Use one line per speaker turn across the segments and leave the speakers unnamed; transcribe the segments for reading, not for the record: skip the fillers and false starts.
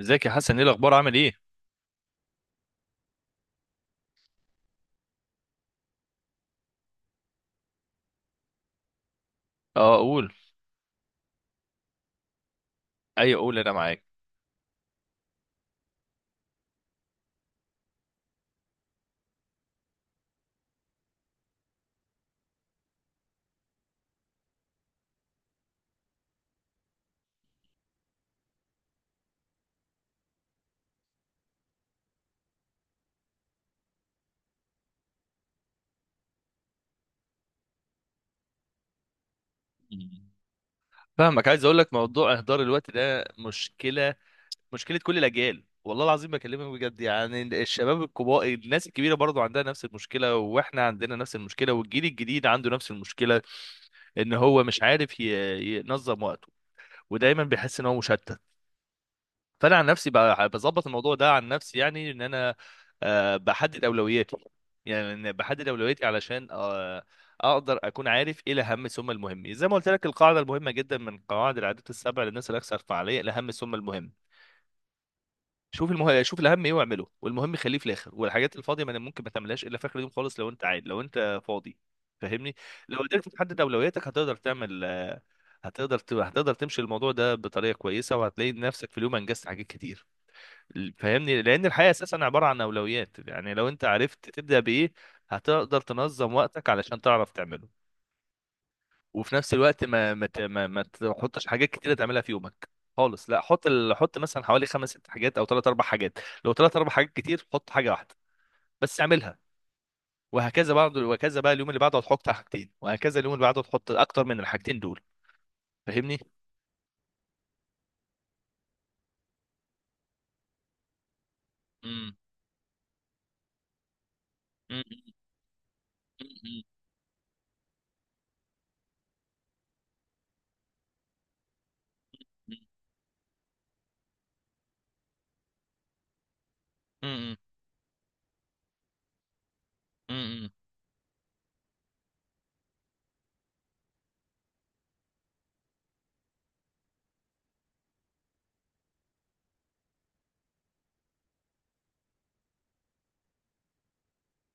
ازيك يا حسن، ايه الاخبار؟ عامل ايه؟ اه، قول. ايوه، قول، انا معاك. مم. فاهمك. عايز اقول لك، موضوع اهدار الوقت ده مشكله. مشكله كل الاجيال، والله العظيم بكلمك بجد. يعني الشباب الكبار، الناس الكبيره برضو عندها نفس المشكله، واحنا عندنا نفس المشكله، والجيل الجديد عنده نفس المشكله. ان هو مش عارف ينظم وقته. ودايما بيحس ان هو مشتت. فانا عن نفسي بظبط الموضوع ده عن نفسي، يعني ان انا بحدد اولوياتي. يعني إن بحدد اولوياتي علشان اقدر اكون عارف ايه الاهم ثم المهم. زي ما قلت لك، القاعده المهمه جدا من قواعد العادات السبع للناس الاكثر فعاليه: الاهم ثم المهم. شوف الاهم ايه واعمله، والمهم خليه في الاخر، والحاجات الفاضيه ما ممكن ما تعملهاش الا في اخر اليوم خالص، لو انت عايز، لو انت فاضي. فاهمني؟ لو قدرت تحدد اولوياتك، هتقدر تعمل آه، هتقدر ت- هتقدر تمشي الموضوع ده بطريقه كويسه، وهتلاقي نفسك في اليوم انجزت حاجات كتير. فاهمني؟ لان الحياه اساسا عباره عن اولويات. يعني لو انت عرفت تبدا بايه، هتقدر تنظم وقتك علشان تعرف تعمله. وفي نفس الوقت ما ما ت- ما, ما تحطش حاجات كتيره تعملها في يومك خالص. لا، حط مثلا حوالي خمس ست حاجات او ثلاث اربع حاجات. لو ثلاث اربع حاجات كتير، حط حاجه واحده بس اعملها. وهكذا بقى، اليوم اللي بعده هتحط حاجتين، وهكذا اليوم اللي بعده هتحط اكتر من الحاجتين دول. فاهمني؟ امم. أمم. أمم. أمم. أمم. أمم.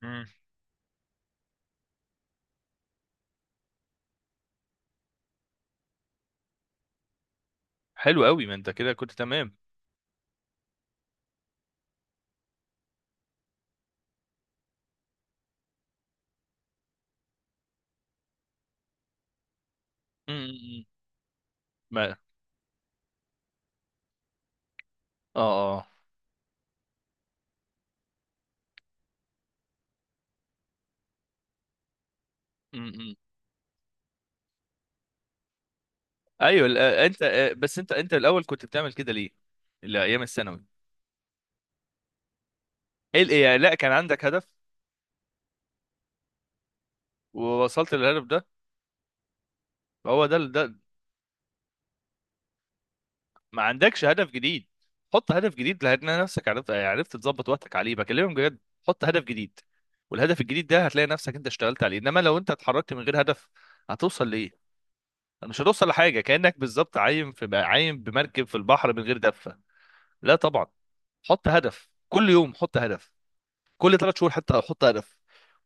أمم. حلو قوي، ما انت كده كنت. تمام. ما. اه، اه. م- م. ايوه. انت، بس انت الاول كنت بتعمل كده ليه؟ لا، ايام الثانوي. ايه ال- إيه، يعني لا، كان عندك هدف؟ ووصلت للهدف ده. فهو ده. ما عندكش هدف جديد. حط هدف جديد، لان نفسك عرفت تظبط وقتك عليه، بكلمك بجد. حط هدف جديد. والهدف الجديد ده هتلاقي نفسك انت اشتغلت عليه. انما لو انت اتحركت من غير هدف، هتوصل لايه؟ مش هتوصل لحاجه. كانك بالظبط عايم بمركب في البحر من غير دفه. لا طبعا. حط هدف كل يوم، حط هدف. كل 3 شهور حتى احط هدف.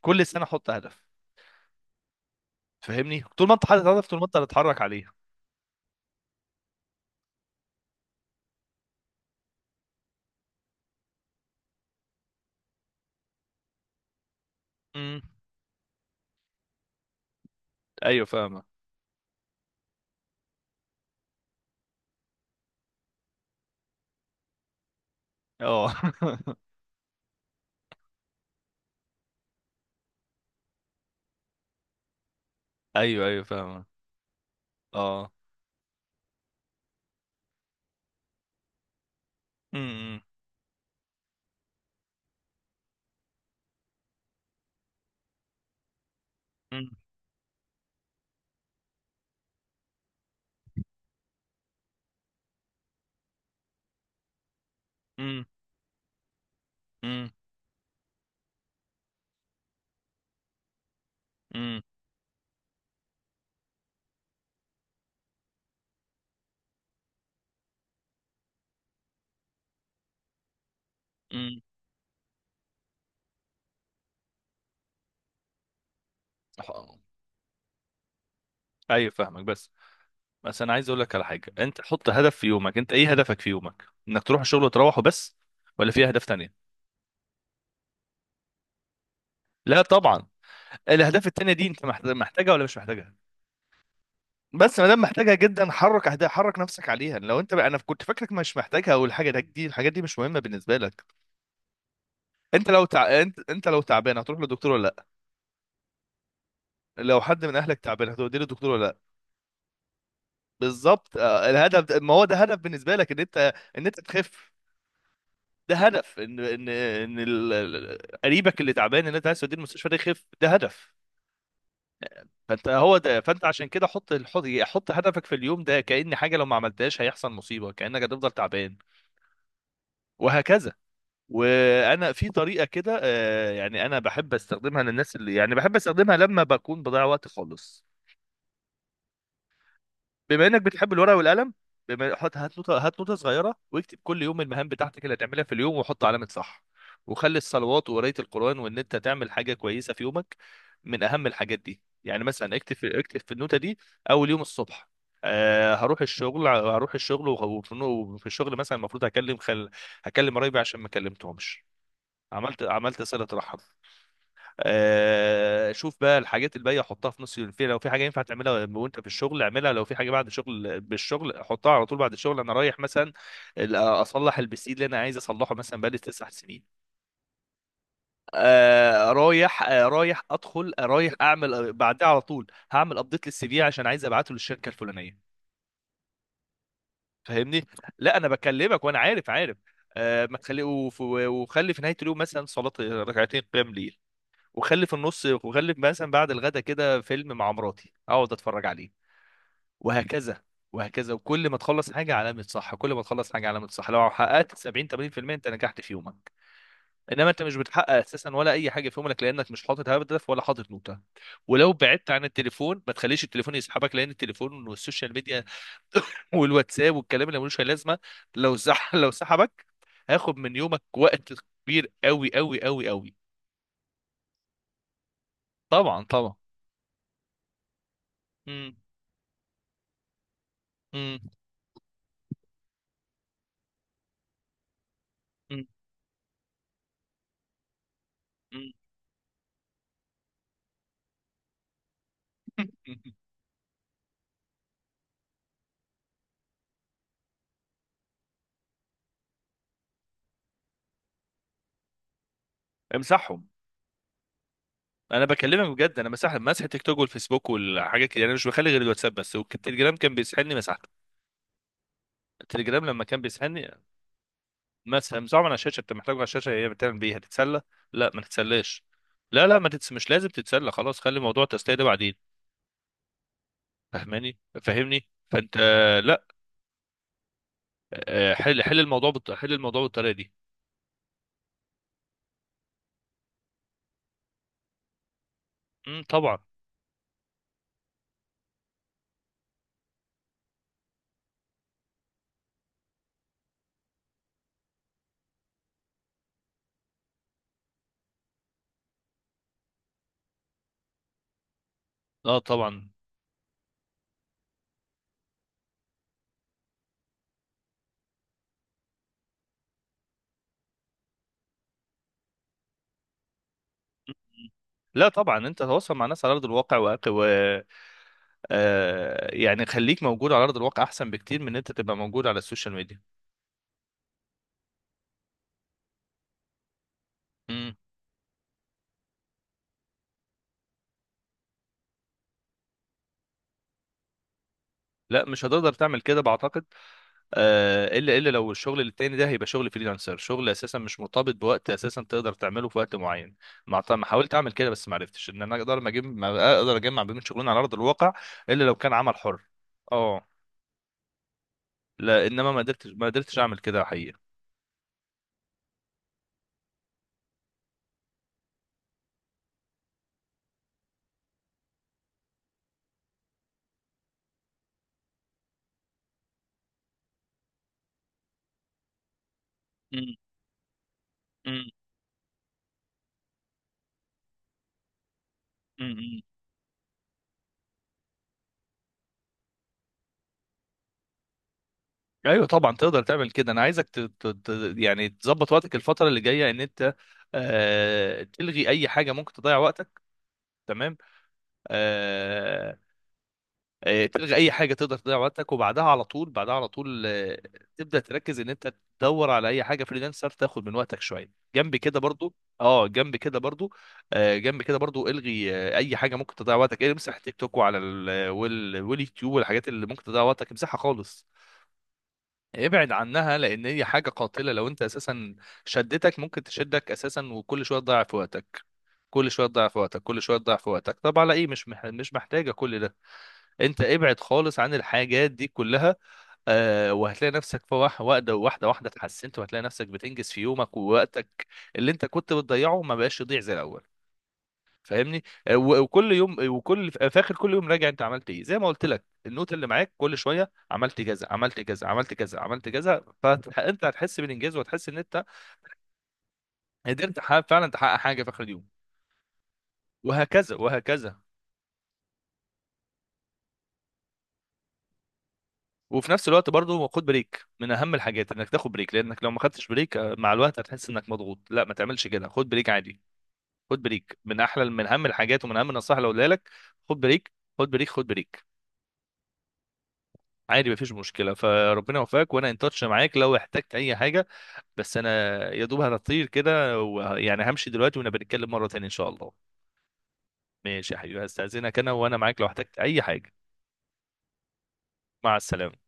كل سنه احط هدف. فاهمني؟ طول ما انت حاطط هدف، طول ما انت هتتحرك عليه. امم. ايوه، فاهمه. اه. ايوه، ايوه، فاهمه. اه. امم. امم. امم. امم. امم. أمم. أح- ايوه، فاهمك. بس انا عايز اقول لك على حاجه. انت حط هدف في يومك. انت ايه هدفك في يومك، انك تروح الشغل وتروح وبس، ولا في اهداف تانية؟ لا طبعا. الاهداف التانية دي انت محتاجها ولا مش محتاجها؟ بس ما دام محتاجها جدا، حرك نفسك عليها. لو انت بقى، انا كنت فاكرك مش محتاجها، او الحاجه ده دي الحاجات دي مش مهمه بالنسبه لك. انت لو تعبان، هتروح للدكتور ولا؟ لا، لو حد من اهلك تعبان، هتوديه للدكتور ولا لا؟ بالظبط. ما هو ده هدف بالنسبه لك، ان انت تخف، ده هدف. ان قريبك اللي تعبان، ان انت عايز توديه المستشفى ده يخف، ده هدف. فانت هو ده فانت عشان كده حط هدفك في اليوم ده كأن حاجه لو ما عملتهاش هيحصل مصيبه، كأنك هتفضل تعبان. وهكذا. وانا في طريقه كده، يعني انا بحب استخدمها للناس اللي، يعني، بحب استخدمها لما بكون بضيع وقت خالص. بما انك بتحب الورقه والقلم، بما حط هات نوتة صغيره، واكتب كل يوم المهام بتاعتك اللي هتعملها في اليوم، وحط علامه صح. وخلي الصلوات وقرايه القران وان انت تعمل حاجه كويسه في يومك من اهم الحاجات دي. يعني مثلا، اكتب في النوتة دي، اول يوم الصبح: هروح الشغل. وفي الشغل مثلا المفروض هكلم قرايبي عشان ما كلمتهمش، عملت عملت صلة رحم. شوف بقى الحاجات الباقيه حطها في نص الفيلم. لو في حاجه ينفع تعملها وانت في الشغل، اعملها. لو في حاجه بعد الشغل، حطها على طول بعد الشغل. انا رايح مثلا اصلح البسيل اللي انا عايز اصلحه، مثلا بقالي 9 سنين. آه رايح آه رايح ادخل آه رايح اعمل آه، بعدها على طول هعمل ابديت للسي في عشان عايز ابعته للشركه الفلانيه. فاهمني؟ لا، انا بكلمك وانا عارف. ما تخلي وف- وخلي في نهايه اليوم مثلا صلاه، ركعتين قيام ليل. وخلي في النص وخلي مثلا بعد الغدا كده فيلم مع مراتي اقعد اتفرج عليه. وهكذا، وهكذا. وكل ما تخلص حاجه علامه صح، كل ما تخلص حاجه علامه صح. لو حققت 70-80% انت نجحت في يومك. انما انت مش بتحقق اساسا ولا اي حاجه في يومك، لانك مش حاطط هدف ولا حاطط نوته. ولو بعدت عن التليفون، ما تخليش التليفون يسحبك، لان التليفون والسوشيال ميديا والواتساب والكلام اللي ملوش أي لازمه، لو سحبك هاخد من يومك وقت كبير، قوي قوي قوي قوي. طبعا، طبعا. امم. مم. امسحهم. انا بكلمك بجد. انا مسح التيك توك والفيسبوك والحاجات كده، يعني انا مش بخلي غير الواتساب بس، والتليجرام كان بيسحلني، مسحته. التليجرام لما كان بيسحلني، مسحه من على الشاشه. انت محتاجه على الشاشه؟ هي بتعمل بيه، هتتسلى؟ لا، ما تتسلاش. لا، لا، ما تتس... مش لازم تتسلى خلاص، خلي موضوع التسليه ده بعدين. فاهماني؟ فاهمني؟ فانت لا. حل الموضوع بالطريقه دي. امم. طبعا. اه، طبعا. مم. لا طبعا، انت تتواصل مع ناس على ارض الواقع. يعني خليك موجود على ارض الواقع، احسن بكتير من ان انت تبقى موجود على السوشيال ميديا. مم. لا، مش هتقدر تعمل كده بعتقد. الا لو الشغل التاني ده هيبقى شغل فريلانسر، شغل اساسا مش مرتبط بوقت اساسا، تقدر تعمله في وقت معين. ما حاولت اعمل كده، بس ما عرفتش ان انا اقدر، ما اقدر اجمع بين شغلين على ارض الواقع. الا لو كان عمل حر. اه. لا انما ما قدرتش اعمل كده حقيقة. مم. مم. مم. ايوه طبعا، تقدر تعمل كده. انا عايزك يعني تظبط وقتك الفتره اللي جايه، ان انت تلغي اي حاجه ممكن تضيع وقتك. تمام. آه... تلغي اي حاجه تقدر تضيع وقتك، وبعدها على طول بعدها على طول تبدا تركز ان انت تدور على اي حاجه فريلانسر تاخد من وقتك شويه جنب كده برضو. اه، جنب كده برضو. جنب كده برضو. الغي اي حاجه ممكن تضيع وقتك. امسح تيك توك، واليوتيوب والحاجات اللي ممكن تضيع وقتك، امسحها خالص. ابعد عنها، لان هي حاجه قاتله. لو انت اساسا ممكن تشدك اساسا، وكل شويه تضيع في وقتك، كل شويه تضيع في وقتك، كل شويه تضيع في وقتك. طب على ايه؟ مش محتاجه كل ده. انت ابعد خالص عن الحاجات دي كلها. وهتلاقي نفسك في واحده واحده واحده واحدة اتحسنت، وهتلاقي نفسك بتنجز في يومك، ووقتك اللي انت كنت بتضيعه ما بقاش يضيع زي الاول. فاهمني؟ وكل يوم، في اخر كل يوم راجع انت عملت ايه. زي ما قلت لك، النوت اللي معاك، كل شويه عملت كذا، عملت كذا، عملت كذا، عملت كذا. فانت هتحس بالانجاز، وهتحس ان انت قدرت، فعلا تحقق حاجه في اخر اليوم. وهكذا، وهكذا. وفي نفس الوقت برضه، خد بريك. من اهم الحاجات انك تاخد بريك، لانك لو ما خدتش بريك مع الوقت هتحس انك مضغوط. لا ما تعملش كده، خد بريك عادي. خد بريك. من اهم الحاجات ومن اهم النصائح اللي اقولها لك، خد بريك. خد بريك، خد بريك. عادي، مفيش مشكله. فربنا يوفقك، وانا ان تاتش معاك لو احتجت اي حاجه. بس انا يا دوب هطير كده، يعني همشي دلوقتي، ونبقى نتكلم مره تانية ان شاء الله. ماشي يا حبيبي، هستاذنك انا، وانا معاك لو احتجت اي حاجه. مع السلامه.